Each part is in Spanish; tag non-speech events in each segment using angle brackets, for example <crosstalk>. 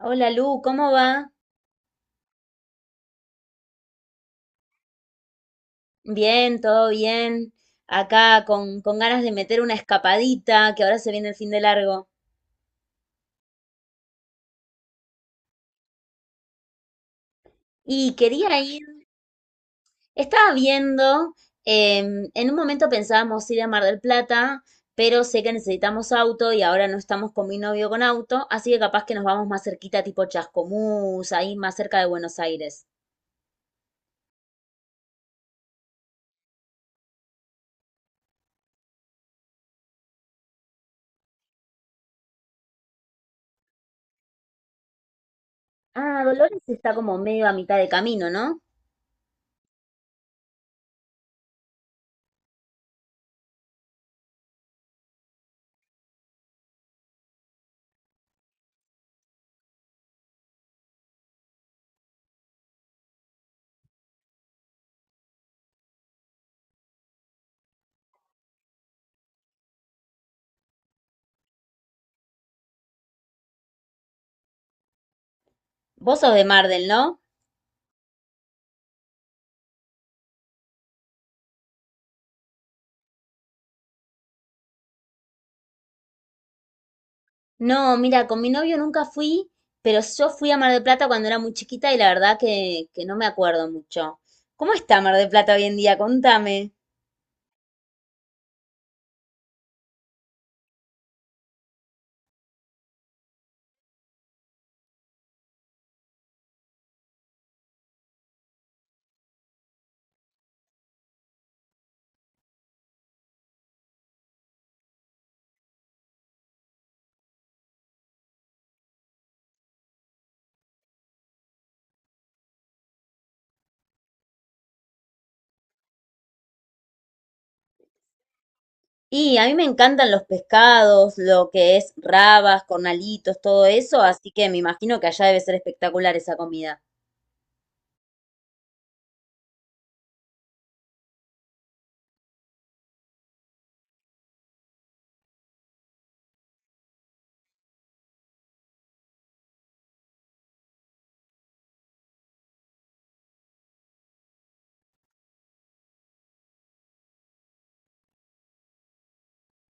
Hola Lu, ¿cómo va? Bien, todo bien. Acá con ganas de meter una escapadita, que ahora se viene el fin de largo. Y quería ir, estaba viendo, em, En un momento pensábamos ir a Mar del Plata, pero sé que necesitamos auto y ahora no estamos con mi novio con auto, así que capaz que nos vamos más cerquita, tipo Chascomús, ahí más cerca de Buenos Aires. Ah, Dolores está como medio a mitad de camino, ¿no? Vos sos de Mar del, ¿no? No, mira, con mi novio nunca fui, pero yo fui a Mar del Plata cuando era muy chiquita y la verdad que no me acuerdo mucho. ¿Cómo está Mar del Plata hoy en día? Contame. Y a mí me encantan los pescados, lo que es rabas, cornalitos, todo eso, así que me imagino que allá debe ser espectacular esa comida.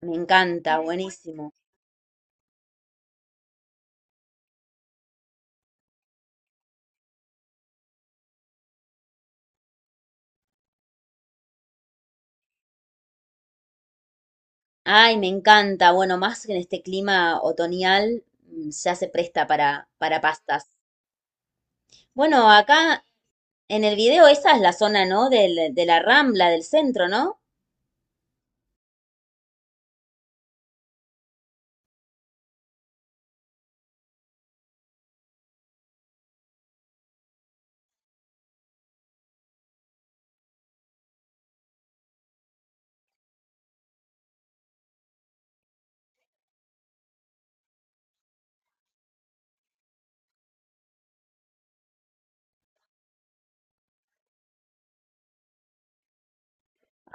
Me encanta, buenísimo. Ay, me encanta. Bueno, más que en este clima otoñal ya se presta para pastas. Bueno, acá en el video esa es la zona, ¿no? De la Rambla, del centro, ¿no?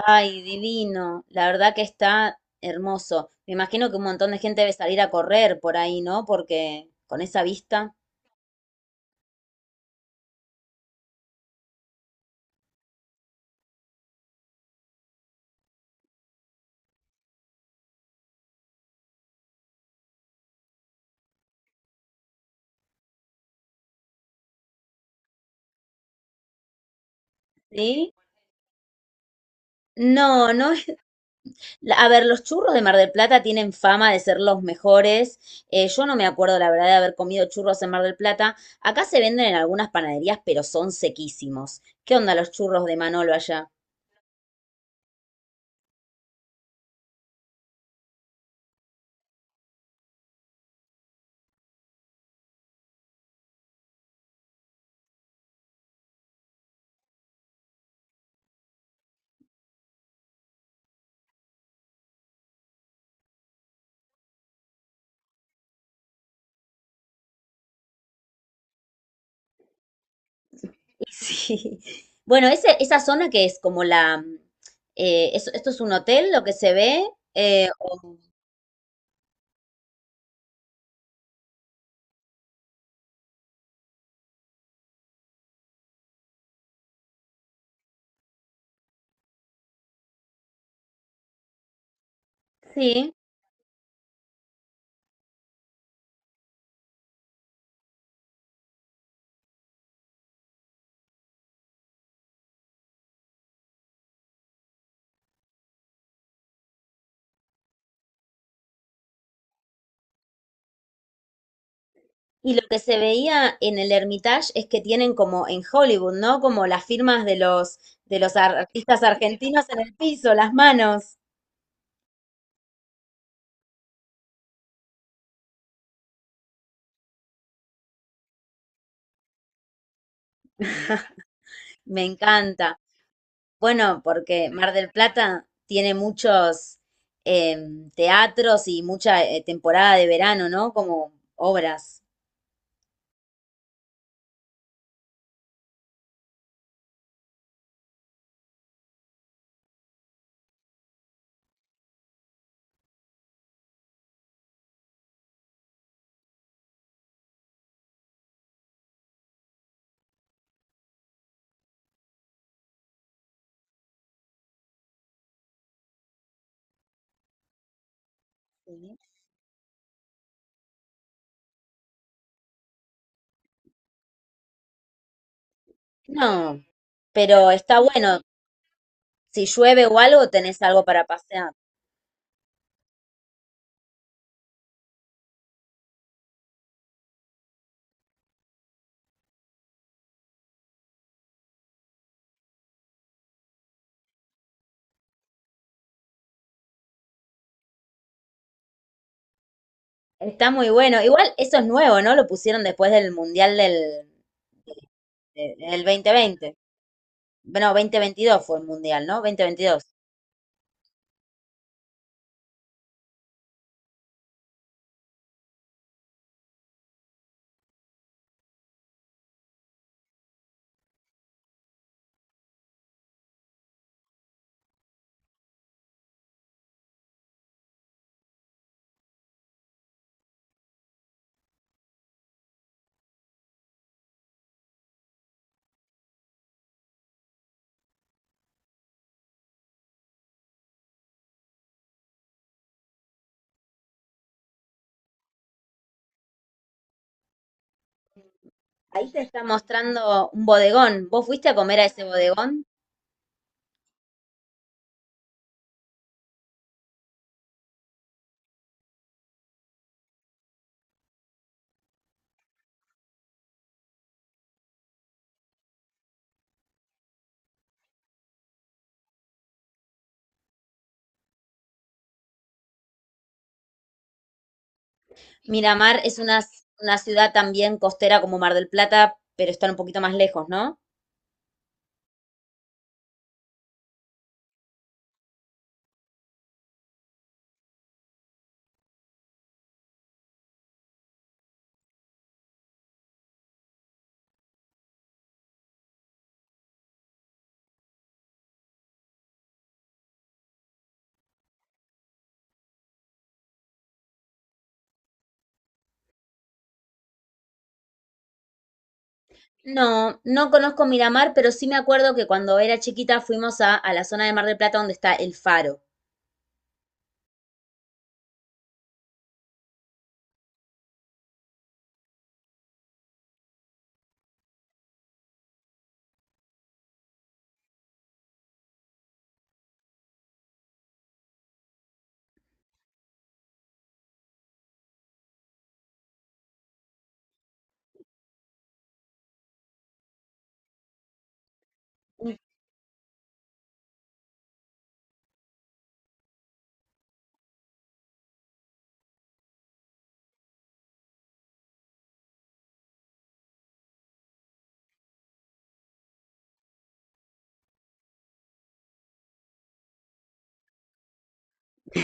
Ay, divino. La verdad que está hermoso. Me imagino que un montón de gente debe salir a correr por ahí, ¿no? Porque con esa vista, ¿sí? No, no. A ver, los churros de Mar del Plata tienen fama de ser los mejores. Yo no me acuerdo, la verdad, de haber comido churros en Mar del Plata. Acá se venden en algunas panaderías, pero son sequísimos. ¿Qué onda los churros de Manolo allá? <laughs> Sí. Bueno, esa zona que es como la... Esto es un hotel, lo que se ve. eh, o- sí. Y lo que se veía en el Hermitage es que tienen como en Hollywood, ¿no? Como las firmas de los, de los artistas argentinos en el piso, las manos. Me encanta. Bueno, porque Mar del Plata tiene muchos teatros y mucha temporada de verano, ¿no? Como obras. Sí. No, pero está bueno. Si llueve o algo, tenés algo para pasear. Está muy bueno. Igual eso es nuevo, ¿no? Lo pusieron después del Mundial del, del 2020. Bueno, dos mil veintidós fue el Mundial, ¿no? 2022. Ahí te está mostrando un bodegón. ¿Vos fuiste a comer a ese bodegón? Miramar es una ciudad también costera como Mar del Plata, pero están un poquito más lejos, ¿no? No, no conozco Miramar, pero sí me acuerdo que cuando era chiquita fuimos a la zona de Mar del Plata donde está el faro.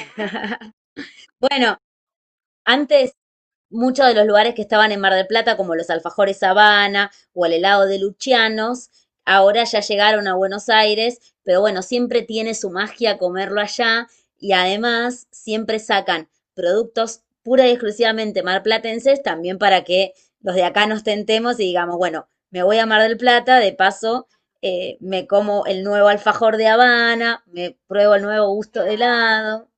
<laughs> Bueno, antes muchos de los lugares que estaban en Mar del Plata, como los alfajores Habana o el helado de Lucianos, ahora ya llegaron a Buenos Aires, pero bueno, siempre tiene su magia comerlo allá y además siempre sacan productos pura y exclusivamente marplatenses también para que los de acá nos tentemos y digamos, bueno, me voy a Mar del Plata, de paso me como el nuevo alfajor de Habana, me pruebo el nuevo gusto de helado,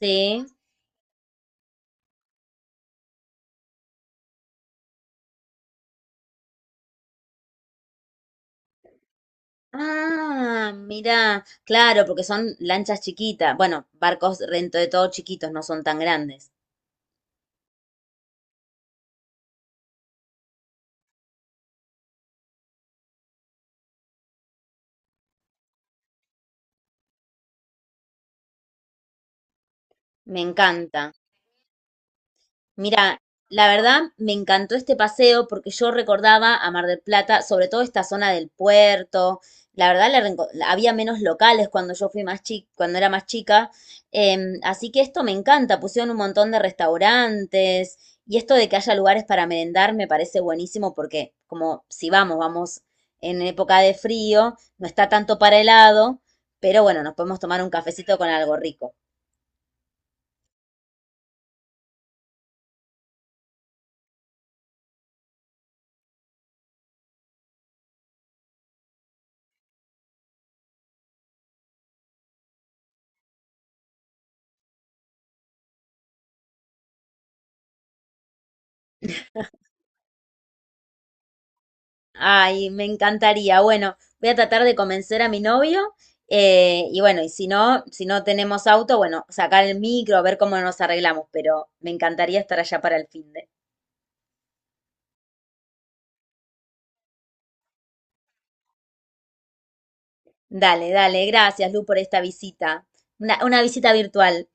¿sí? Ah, mirá, claro, porque son lanchas chiquitas. Bueno, barcos dentro de todo chiquitos, no son tan grandes. Me encanta. Mira, la verdad me encantó este paseo porque yo recordaba a Mar del Plata, sobre todo esta zona del puerto. La verdad había menos locales cuando yo fui más chica, cuando era más chica. Em, así que esto me encanta. Pusieron un montón de restaurantes y esto de que haya lugares para merendar me parece buenísimo porque como si vamos en época de frío, no está tanto para helado, pero bueno, nos podemos tomar un cafecito con algo rico. Ay, me encantaría. Bueno, voy a tratar de convencer a mi novio. Y bueno, y si no, si no tenemos auto, bueno, sacar el micro, ver cómo nos arreglamos, pero me encantaría estar allá para el fin de. Dale, dale, gracias, Lu, por esta visita. Una visita virtual.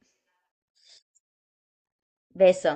Beso.